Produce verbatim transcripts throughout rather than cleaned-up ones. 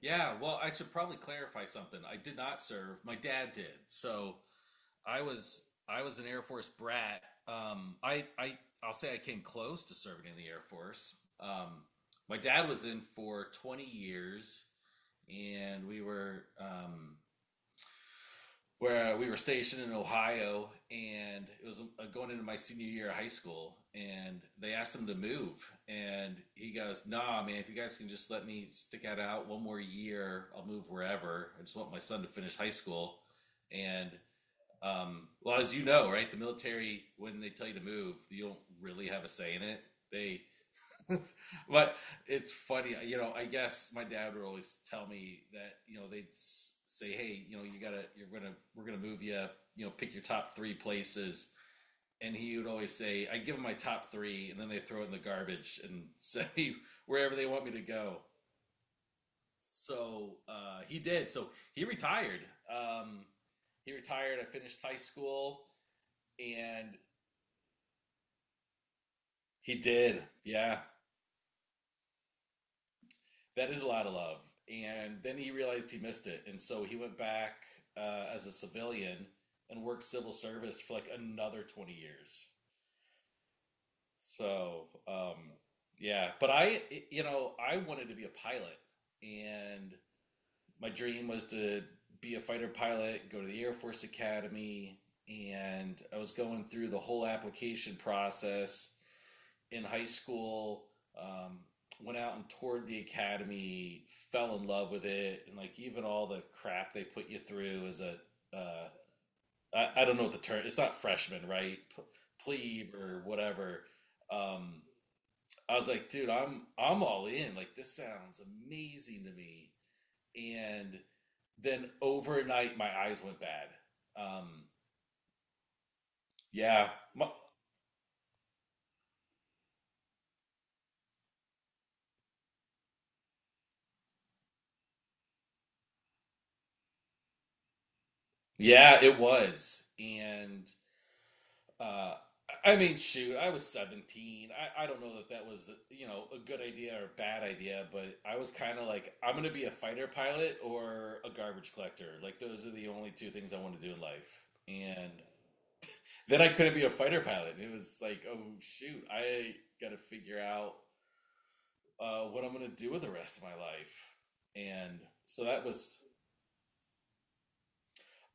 Yeah, well, I should probably clarify something. I did not serve. My dad did. So I was I was an Air Force brat. Um, I I I'll say I came close to serving in the Air Force. Um, my dad was in for twenty years, and we were um, where we were stationed in Ohio, and it was uh, going into my senior year of high school, and they asked him to move, and he goes, "Nah, man, if you guys can just let me stick it out one more year, I'll move wherever. I just want my son to finish high school." And um, well, as you know, right, the military when they tell you to move, you don't really have a say in it. They but it's funny, you know. I guess my dad would always tell me that you know they'd say, "Hey, you know, you gotta, you're gonna, we're gonna move you. You know, pick your top three places." And he would always say, "I give them my top three, and then they throw it in the garbage and say wherever they want me to go." So uh, he did. So he retired. Um, he retired. I finished high school, and he did. Yeah. That is a lot of love. And then he realized he missed it. And so he went back uh, as a civilian and worked civil service for like another twenty years. So, um, yeah. But I, you know, I wanted to be a pilot. And my dream was to be a fighter pilot, go to the Air Force Academy. And I was going through the whole application process in high school. Um, went out and toured the academy, fell in love with it, and like even all the crap they put you through as a uh, I, I don't know what the term, it's not freshman, right, P- plebe or whatever. Um, I was like, dude, I'm I'm all in. Like, this sounds amazing to me. And then overnight, my eyes went bad. Um, yeah, my, yeah, it was. And Uh, I mean, shoot, I was seventeen. I, I don't know that that was, you know, a good idea or a bad idea, but I was kind of like, I'm going to be a fighter pilot or a garbage collector. Like, those are the only two things I want to do in life. And then I couldn't be a fighter pilot. It was like, oh, shoot, I got to figure out uh, what I'm going to do with the rest of my life. And so that was,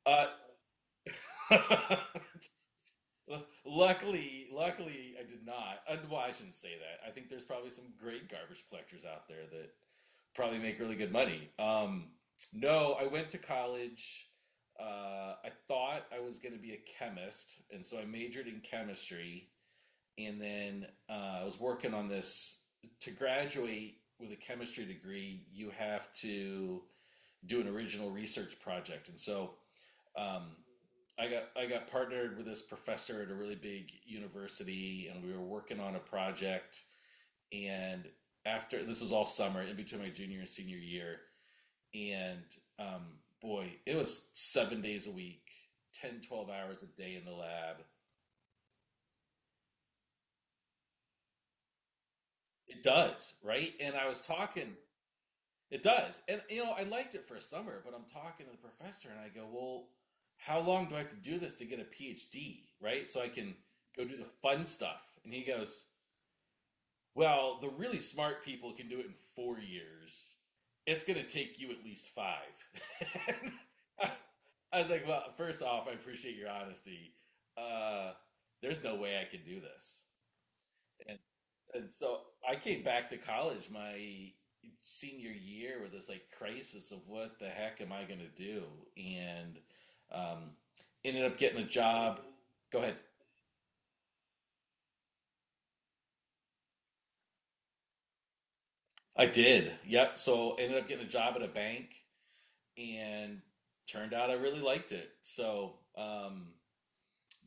uh, Luckily, luckily, I did not. Uh, well, I shouldn't say that. I think there's probably some great garbage collectors out there that probably make really good money. Um, no, I went to college. Uh, I thought I was going to be a chemist, and so I majored in chemistry. And then uh, I was working on this. To graduate with a chemistry degree, you have to do an original research project. And so um, I got I got partnered with this professor at a really big university, and we were working on a project. And after, this was all summer, in between my junior and senior year, and um, boy, it was seven days a week, ten, twelve hours a day in the lab. It does, right? And I was talking, it does. And, you know, I liked it for a summer, but I'm talking to the professor and I go, "Well, how long do I have to do this to get a PhD, right? So I can go do the fun stuff." And he goes, "Well, the really smart people can do it in four years. It's going to take you at least five." And I I was like, "Well, first off, I appreciate your honesty. Uh, there's no way I can do this." And, and so I came back to college my senior year with this like crisis of, what the heck am I going to do? And um, ended up getting a job. Go ahead. I did. Yep. So ended up getting a job at a bank, and turned out I really liked it. So, um,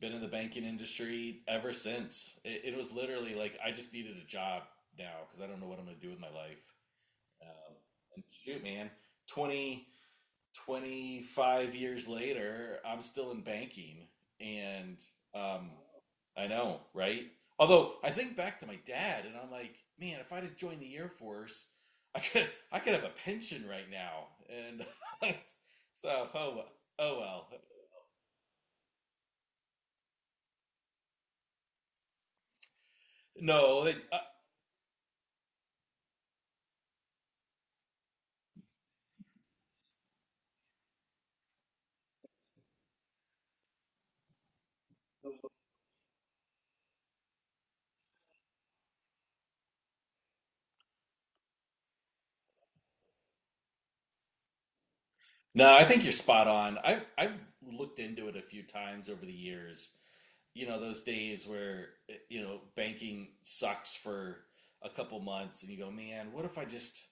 been in the banking industry ever since. It, it was literally like I just needed a job now because I don't know what I'm going to do with my life. Um, and shoot, man, twenty, twenty-five years later, I'm still in banking. And um, I know, right? Although I think back to my dad and I'm like, man, if I'd have joined the Air Force, I could I could have a pension right now. And so, oh, well- oh well. No, they, uh, no, I think you're spot on. I've I've looked into it a few times over the years, you know those days where you know banking sucks for a couple months, and you go, man, what if i just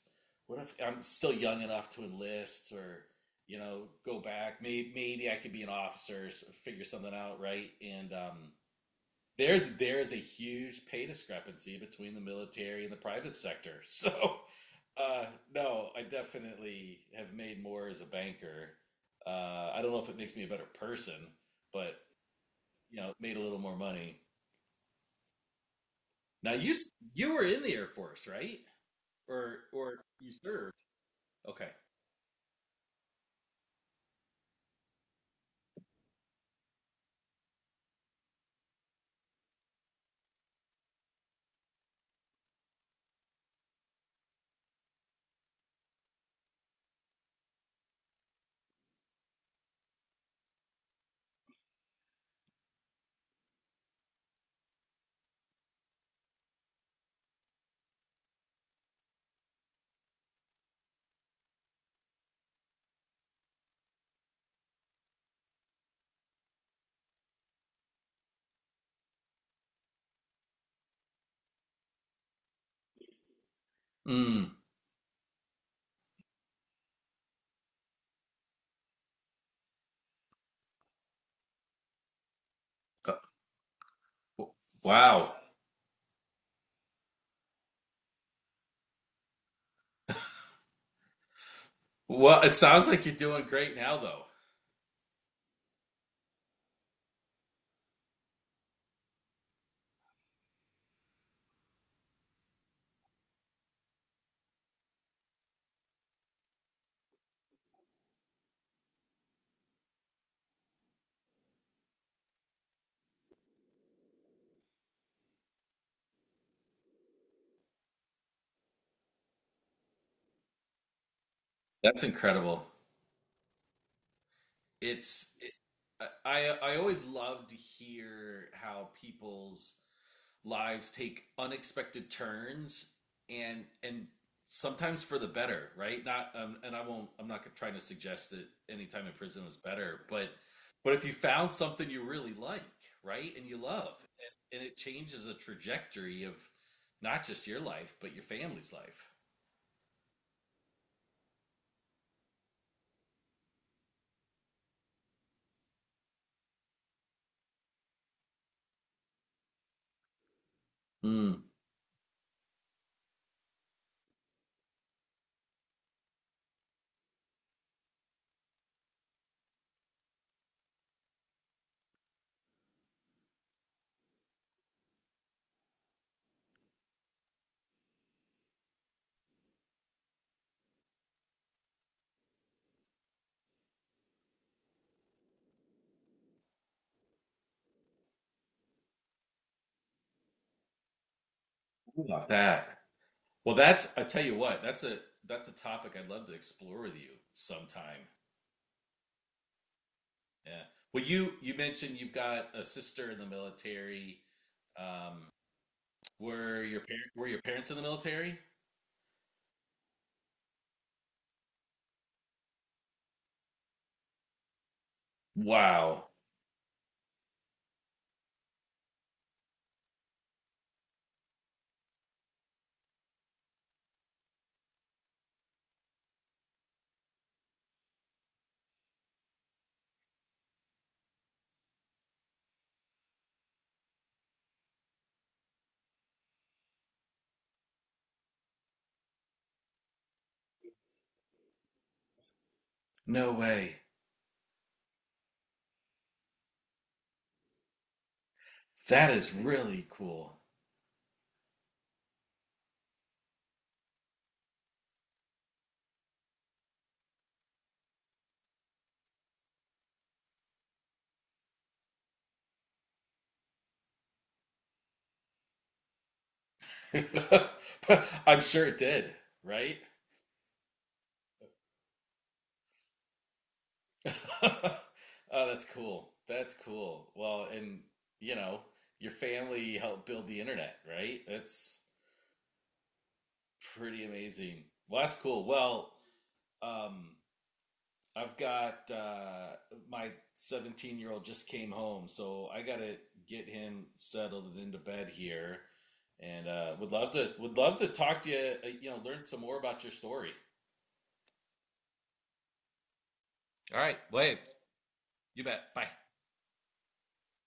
what if i'm still young enough to enlist, or you know go back. Maybe, maybe i could be an officer, s- figure something out, right? And um, there's there's a huge pay discrepancy between the military and the private sector. So uh, no, i definitely have made more as a banker. uh, i don't know if it makes me a better person, but you know made a little more money. Now you s- you were in the Air Force, right? Or or you served. Okay. Mm. Uh, w- Wow. Well, it sounds like you're doing great now, though. That's incredible. It's it, I I I always love to hear how people's lives take unexpected turns, and and sometimes for the better, right? Not, um, and I won't. I'm not trying to suggest that any time in prison was better, but but if you found something you really like, right, and you love, and, and it changes the trajectory of not just your life but your family's life. Mm, about that. Well, that's, I tell you what, that's a that's a topic I'd love to explore with you sometime. Yeah. Well, you you mentioned you've got a sister in the military. Um, were your parents were your parents in the military? Wow. No way. That is really cool. But I'm sure it did, right? Oh, that's cool. That's cool. Well, and you know, your family helped build the internet, right? That's pretty amazing. Well, that's cool. Well, um, I've got uh, my seventeen year old just came home, so I gotta get him settled and into bed here. And uh, would love to would love to talk to you. uh, You know, learn some more about your story. All right, Wade. You bet. Bye.